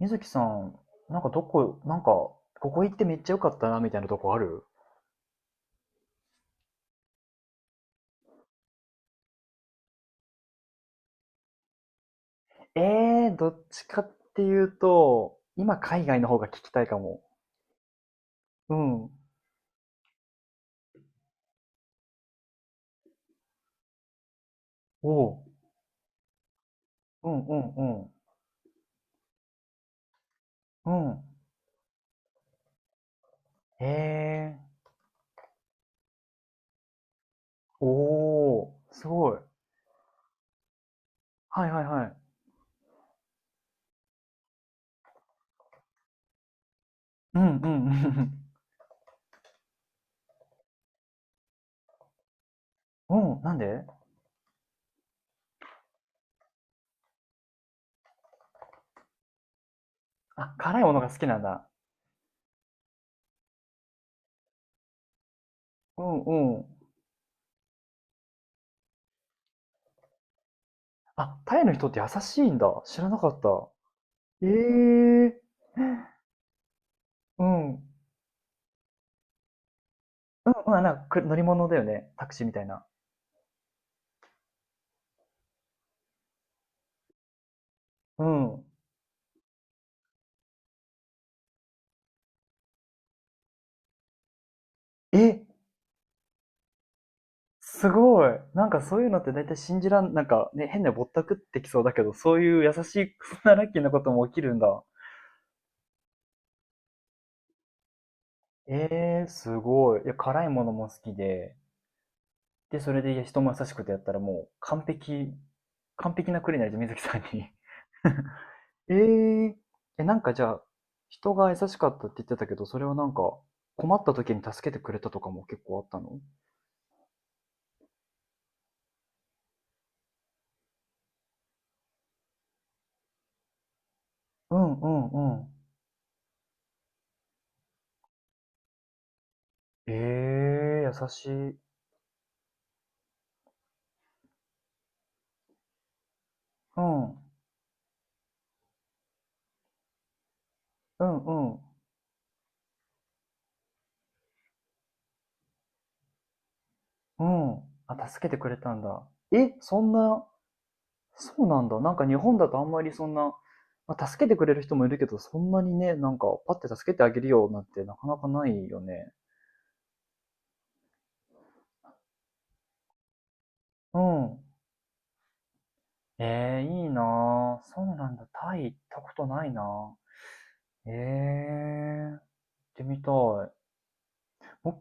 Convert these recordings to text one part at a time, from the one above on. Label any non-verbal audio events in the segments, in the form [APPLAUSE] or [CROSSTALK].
水木さん、なんかここ行ってめっちゃ良かったな、みたいなとこある？えどっちかっていうと、今海外の方が聞きたいかも。うん。おう。うんうんうん。うん。えー。おー。すごい。はいはいはい。うんうんうん。[LAUGHS] うん。なんで？あ、辛いものが好きなんだ。うんうん。あ、タイの人って優しいんだ。知らなかった。えー。うん。うんうん。なんか乗り物だよね。タクシーみたいな。うん。え、すごい。なんかそういうのって大体信じらん、なんかね、変なぼったくってきそうだけど、そういう優しい、そんなラッキーなことも起きるんだ。えーすごい。いや、辛いものも好きで、で、それで人も優しくてやったらもう完璧、完璧なクリになるじゃん、水木さんに。[LAUGHS] ええ、え、なんかじゃあ、人が優しかったって言ってたけど、それはなんか、困った時に助けてくれたとかも結構あったの？うんうんうん。ええー、優しい。うん。うんうん。うん。あ、助けてくれたんだ。え、そんな、そうなんだ。なんか日本だとあんまりそんな、まあ、助けてくれる人もいるけど、そんなにね、なんか、パッて助けてあげるよなんてなかなかないよね。うん。えーいいなぁ。そうなんだ。タイ行ったことないなぁ。えー行ってみたい。ぼ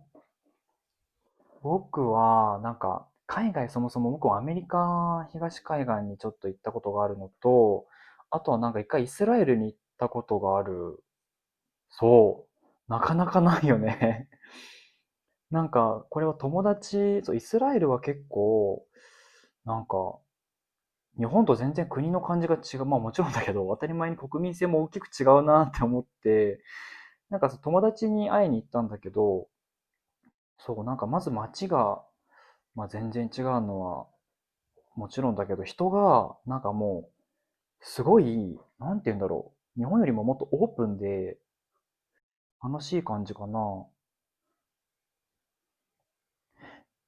僕は、なんか、海外そもそも僕はアメリカ東海岸にちょっと行ったことがあるのと、あとはなんか一回イスラエルに行ったことがある。そう。なかなかないよね。[LAUGHS] なんか、これは友達、そう、イスラエルは結構、なんか、日本と全然国の感じが違う。まあもちろんだけど、当たり前に国民性も大きく違うなって思って、なんかそう友達に会いに行ったんだけど、そう、なんかまず街が、まあ、全然違うのはもちろんだけど、人が、なんかもう、すごい、なんて言うんだろう。日本よりももっとオープンで楽しい感じかな。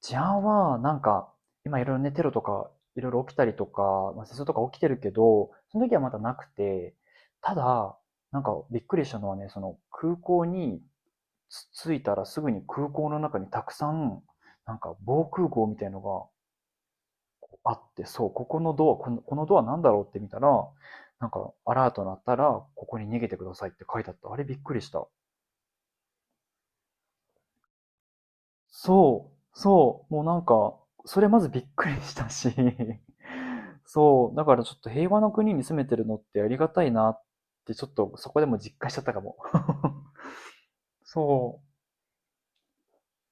治安は、なんか、今いろいろね、テロとか、いろいろ起きたりとか、まあ、戦争とか起きてるけど、その時はまだなくて、ただ、なんかびっくりしたのはね、その空港に着いたらすぐに空港の中にたくさん、なんか防空壕みたいのがあって、そう、このドアなんだろうって見たら、なんかアラート鳴ったら、ここに逃げてくださいって書いてあった。あれびっくりした。そもうなんか、それまずびっくりしたし、[LAUGHS] そう、だからちょっと平和の国に住めてるのってありがたいなって、ちょっとそこでも実感しちゃったかも。[LAUGHS] そ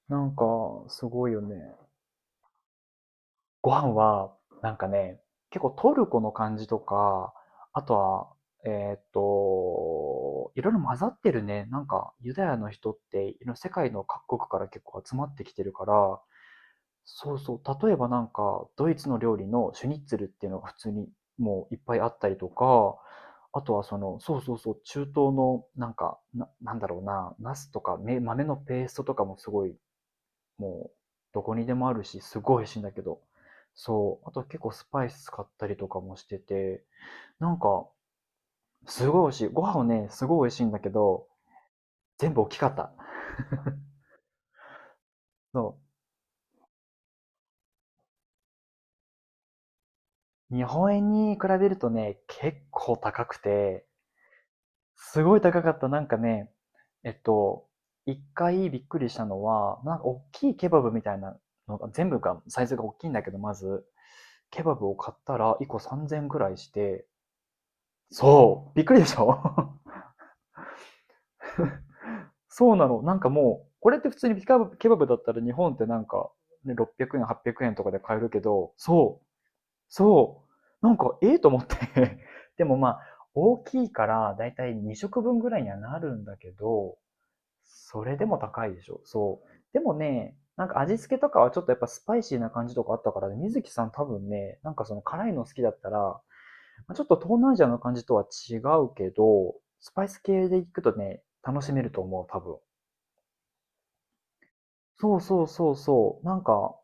う、なんか、すごいよね。ご飯は、なんかね、結構トルコの感じとか、あとは、いろいろ混ざってるね。なんか、ユダヤの人って、世界の各国から結構集まってきてるから、そうそう。例えばなんか、ドイツの料理のシュニッツェルっていうのが普通にもういっぱいあったりとか、あとはその、そうそうそう、中東のなんか、なんだろうな、ナスとか豆のペーストとかもすごい、もう、どこにでもあるし、すごい美味しいんだけど。そう。あと結構スパイス使ったりとかもしてて、なんか、すごい美味しい。ご飯をね、すごい美味しいんだけど、全部大きかった。そう。日本円に比べるとね、結構高くて、すごい高かった。なんかね、えっと、1回びっくりしたのは、なんか大きいケバブみたいなのが、全部が、サイズが大きいんだけど、まず、ケバブを買ったら1個3000ぐらいして、そう、びっくりでしょ？ [LAUGHS] そうなの。なんかもう、これって普通にピカブケバブだったら日本ってなんか、ね、600円、800円とかで買えるけど、そなんか、ええと思って [LAUGHS] でもまあ、大きいから、だいたい2食分ぐらいにはなるんだけど、それでも高いでしょ。そう。でもね、なんか味付けとかはちょっとやっぱスパイシーな感じとかあったからね、水木さん多分ね、なんかその辛いの好きだったら、まあちょっと東南アジアの感じとは違うけど、スパイス系で行くとね、楽しめると思う、多分。そうそうそうそう。なんか、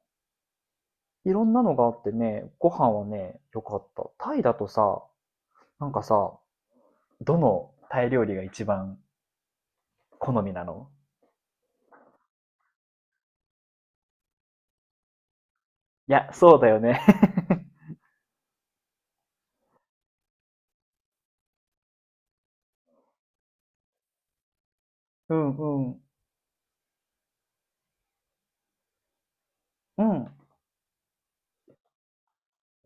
いろんなのがあってね、ご飯はね、良かった。タイだとさ、なんかさ、どのタイ料理が一番好みなの？いや、そうだよね。[LAUGHS] うんうん。うん。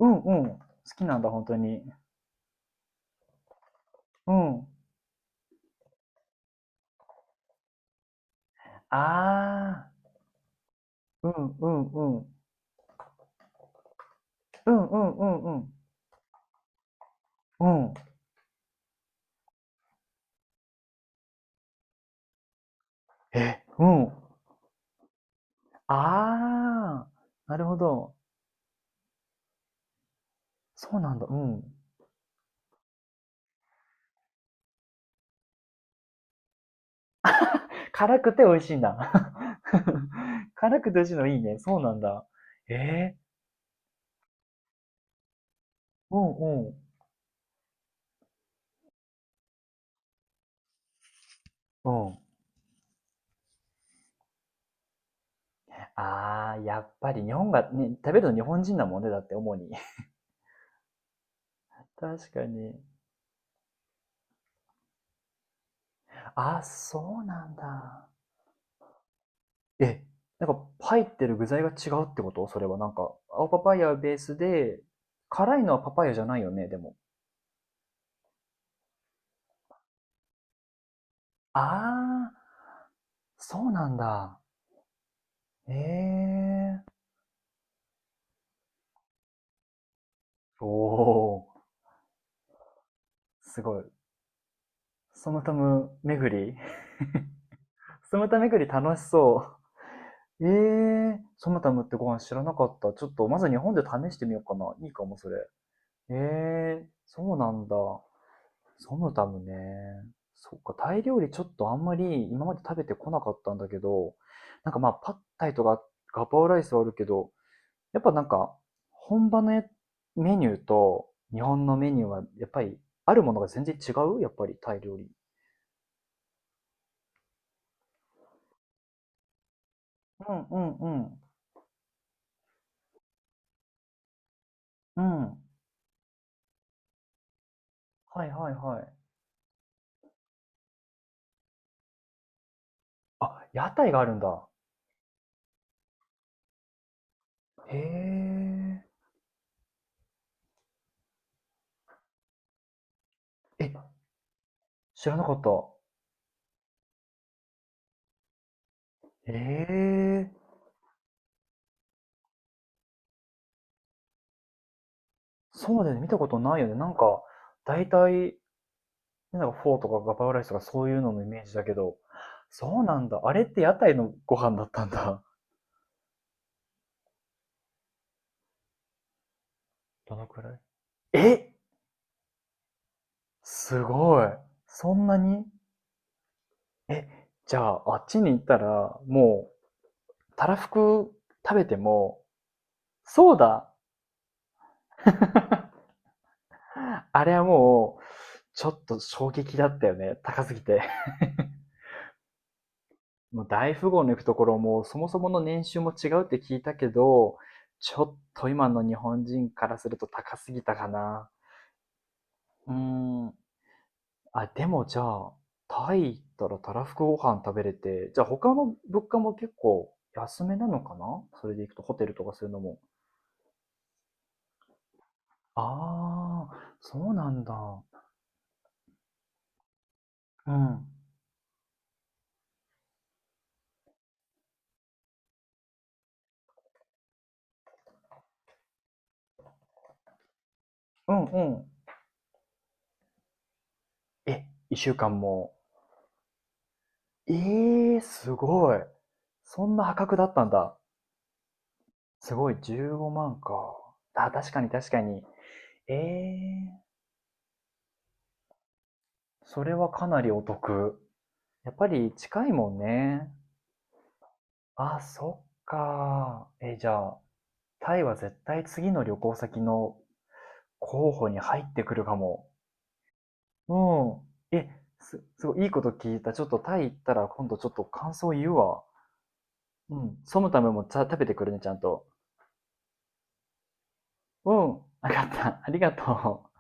うんうん。好きなんだ、本当に。うん。ああ、うんうんうん。うんうんうんうん。うん。え、うん。ああ、なるほど。そうなんだ。うん。辛くて美味しいんだ。[LAUGHS] 辛くて美味しいのいいね。そうなんだ。えー、うんうん。うん。ああ、やっぱり日本が、ね、食べるの日本人なもんね、だって主に。[LAUGHS] 確かに。あ、そうなんだ。え、なんか入ってる具材が違うってこと？それはなんか、青パパイヤベースで、辛いのはパパイヤじゃないよね、でも。ああ、そうなんだ。ええー。おお、すごい。ソムタム巡り。 [LAUGHS] ソムタ巡り楽しそう。ええー、ソムタムってご飯知らなかった。ちょっとまず日本で試してみようかな。いいかも、それ。ええー、そうなんだ。ソムタムね。そっか、タイ料理ちょっとあんまり今まで食べてこなかったんだけど、なんかまあ、パッタイとかガパオライスはあるけど、やっぱなんか、本場のメニューと日本のメニューは、やっぱり、あるものが全然違うやっぱり、タイ料理。うんうんうん。うん。はいはいはい。あ、屋台があるんだ。へえ。え、知らなかった。へえ。そうだよね。見たことないよね。なんか、大体なんかフォーとかガパオライスとかそういうののイメージだけど、そうなんだ。あれって屋台のご飯だったんだ。どのくらい？ [LAUGHS] えすごい。そんなに？え、じゃああっちに行ったら、もう、たらふく食べても、そうだ。あれはもう、ちょっと衝撃だったよね。高すぎて。[LAUGHS] もう大富豪の行くところも、そもそもの年収も違うって聞いたけど、ちょっと今の日本人からすると高すぎたかな。うーん。あ、でもじゃあ、タイ行ったらたらふくご飯食べれて、じゃあ他の物価も結構安めなのかな？それで行くとホテルとかするのも。ああ、そうなんだ。うん。うんうん。え、一週間も？ええー、すごい。そんな破格だったんだ。すごい、15万円か。あ、確かに確かに。ええー、それはかなりお得。やっぱり近いもんね。あ、そっか。え、じゃあ、タイは絶対次の旅行先の候補に入ってくるかも。うん。え、すごいいいこと聞いた。ちょっとタイ行ったら今度ちょっと感想言うわ。うん。ソムタムもちゃ食べてくるね、ちゃんと。うん。わかった。ありがとう。